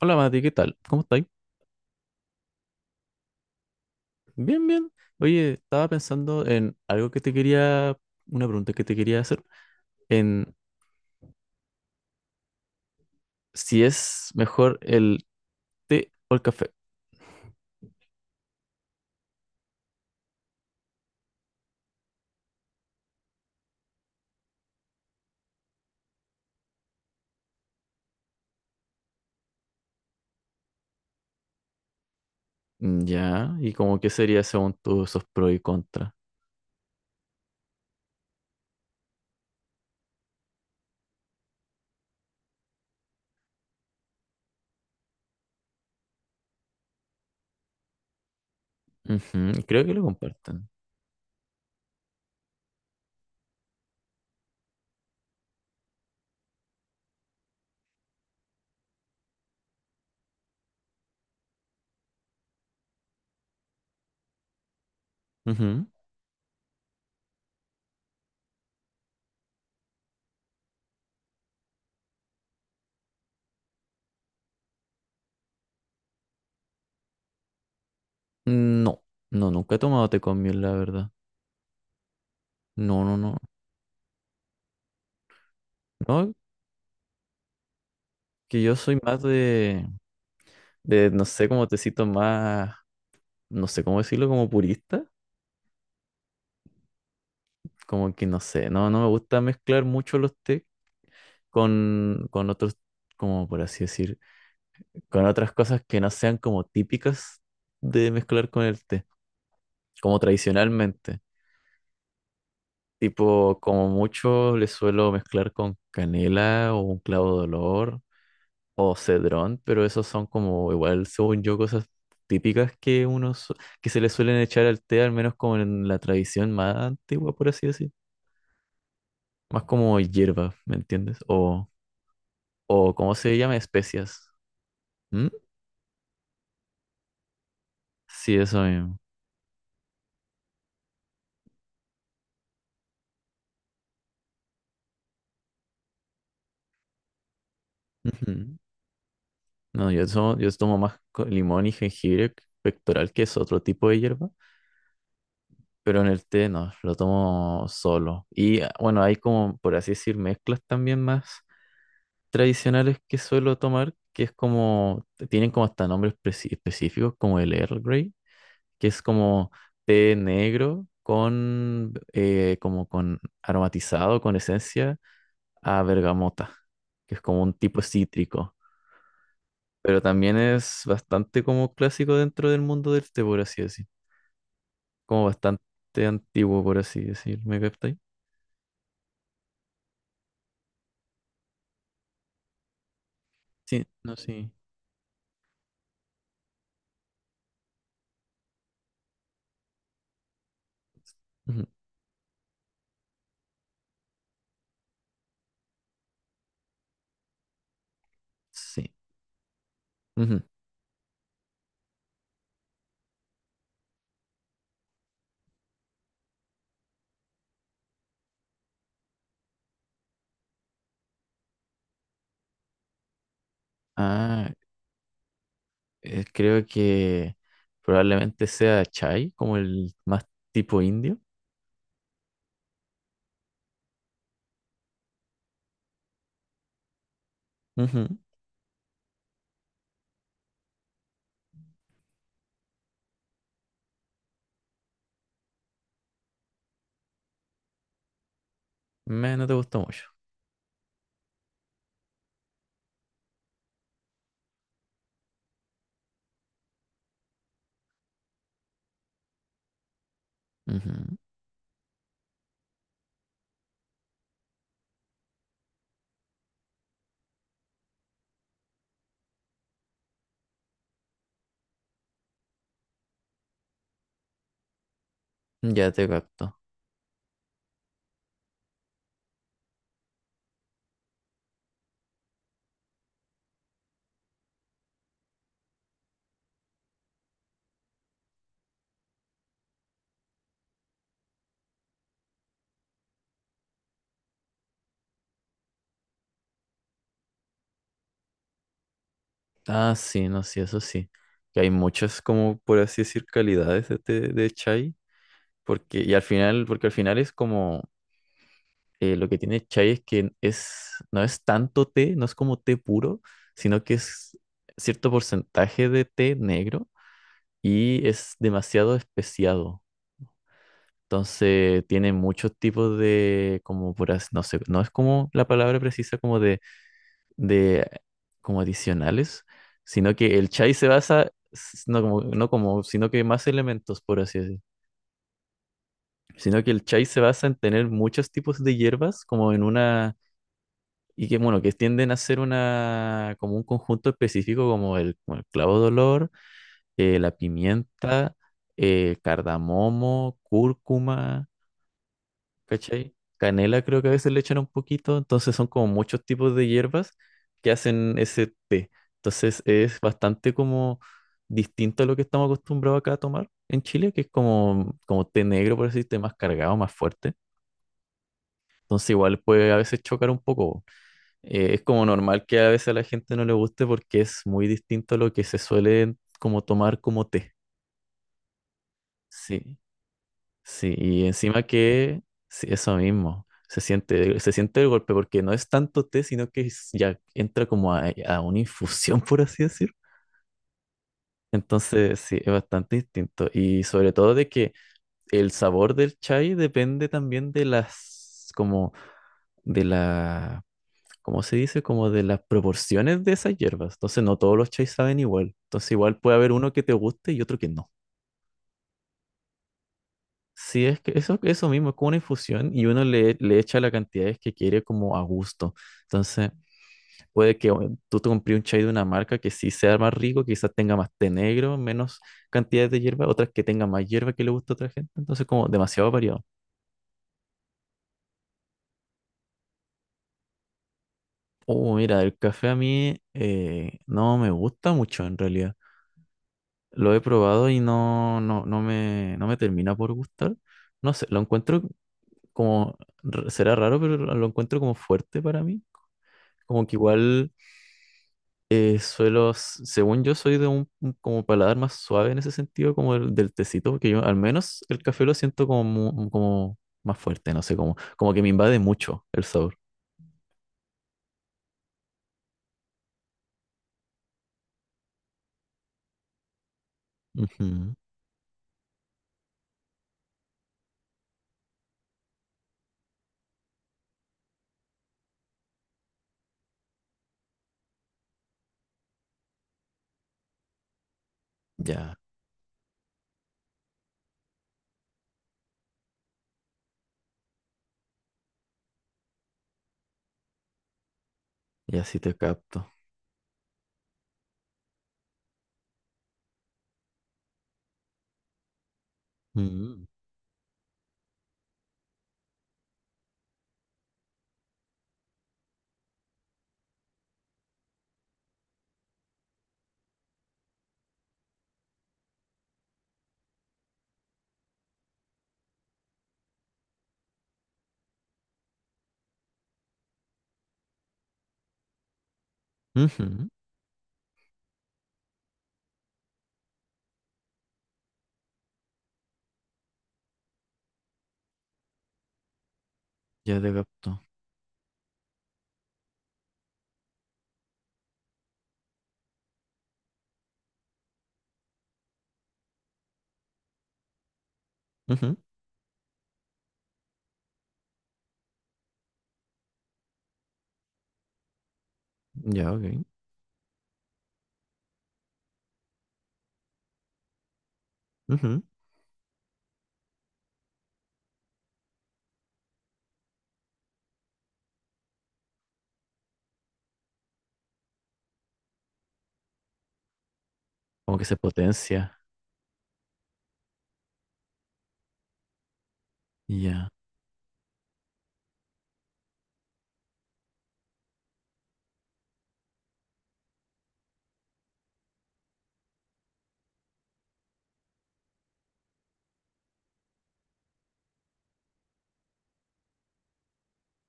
Hola Mati, ¿qué tal? ¿Cómo estáis? Bien, bien. Oye, estaba pensando en algo que te quería, una pregunta que te quería hacer, en si es mejor el té o el café. Ya, ¿y como qué sería según tú esos pros y contras? Ujú. Creo que lo comparten. Ujú. No, no, nunca he tomado té con miel, la verdad. No, no, no. No, que yo soy más de, no sé, como tecito más, no sé cómo decirlo, como purista. Como que no sé, no, no me gusta mezclar mucho los tés. Con otros, como por así decir, con otras cosas que no sean como típicas de mezclar con el té, como tradicionalmente. Tipo, como mucho le suelo mezclar con canela o un clavo de olor o cedrón, pero esos son como igual, según yo, cosas típicas que que se le suelen echar al té, al menos como en la tradición más antigua, por así decir. Más como hierba, ¿me entiendes? O ¿cómo se llama? Especias. ¿Mm? Sí, eso mismo. Ujú. No, yo tomo más limón y jengibre pectoral, que es otro tipo de hierba, pero en el té no, lo tomo solo. Y bueno, hay como, por así decir, mezclas también más tradicionales que suelo tomar, que es como, tienen como hasta nombres específicos, como el Earl Grey, que es como té negro con, como con aromatizado, con esencia a bergamota, que es como un tipo cítrico. Pero también es bastante como clásico dentro del mundo del té, por así decir. Como bastante antiguo, por así decir. ¿Me captáis? Sí, no, sí. Ujú. Sí. Ujú. Ah, creo que probablemente sea chai, como el más tipo indio. Ujú. No te gustó mucho. Ujú. Ya te capto. Ah, sí, no, sí, eso sí. Que hay muchas, como por así decir, calidades de chai. Porque al final es como, lo que tiene chai es que es, no es tanto té, no es como té puro, sino que es cierto porcentaje de té negro y es demasiado especiado. Entonces tiene muchos tipos de, como por así, no sé, no es como la palabra precisa como de como adicionales, sino que el chai se basa, no como, sino que más elementos, por así decir. Sino que el chai se basa en tener muchos tipos de hierbas, como en una. Y que, bueno, que tienden a ser como un conjunto específico como el clavo de olor, la pimienta, cardamomo, cúrcuma, ¿cachai? Canela creo que a veces le echan un poquito, entonces son como muchos tipos de hierbas que hacen ese té. Entonces es bastante como distinto a lo que estamos acostumbrados acá a tomar en Chile, que es como, té negro, por así decirte, más cargado, más fuerte. Entonces igual puede a veces chocar un poco. Es como normal que a veces a la gente no le guste porque es muy distinto a lo que se suele como tomar como té. Sí, sí, y encima que sí, eso mismo, se siente el golpe porque no es tanto té, sino que ya entra como a una infusión, por así decir. Entonces, sí, es bastante distinto. Y sobre todo de que el sabor del chai depende también de las, como, de la, ¿cómo se dice? Como de las proporciones de esas hierbas. Entonces no todos los chais saben igual. Entonces igual puede haber uno que te guste y otro que no. Sí, es que eso mismo, es como una infusión y uno le echa las cantidades que quiere como a gusto. Entonces puede que bueno, tú te compres un chai de una marca que sí sea más rico, quizás tenga más té negro, menos cantidad de hierba, otras que tengan más hierba que le gusta a otra gente. Entonces como demasiado variado. Oh, mira, el café a mí no me gusta mucho en realidad. Lo he probado y no me termina por gustar. No sé, lo encuentro como, será raro, pero lo encuentro como fuerte para mí. Como que igual según yo soy de un como paladar más suave en ese sentido, como el del tecito, porque yo al menos el café lo siento como, como más fuerte, no sé, como que me invade mucho el sabor. Ujú. Ya, ya sí te capto. Mm, ujú. Ya te capto. Ujú. Ya, ok. Ujú. Como que se potencia. Ya.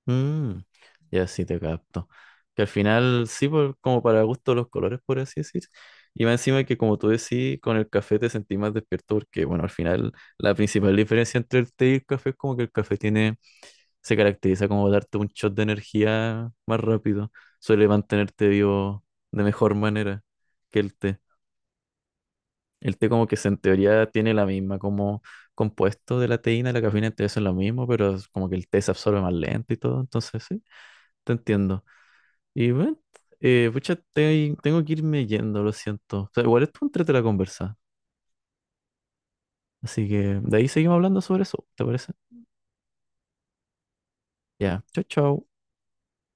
Mm, ya sí te capto. Que al final, sí, como para gusto los colores, por así decir. Y más encima que, como tú decís, con el café te sentís más despierto porque, bueno, al final la principal diferencia entre el té y el café es como que el café tiene, se caracteriza como darte un shot de energía más rápido. Suele mantenerte vivo de mejor manera que el té. El té como que en teoría tiene la misma como compuesto de la teína, la cafeína, entonces es lo mismo, pero es como que el té se absorbe más lento y todo, entonces sí, te entiendo. Y bueno, pucha, tengo que irme yendo, lo siento. O sea, igual estuvo entrete la conversa. Así que de ahí seguimos hablando sobre eso, ¿te parece? Ya, chao, chao.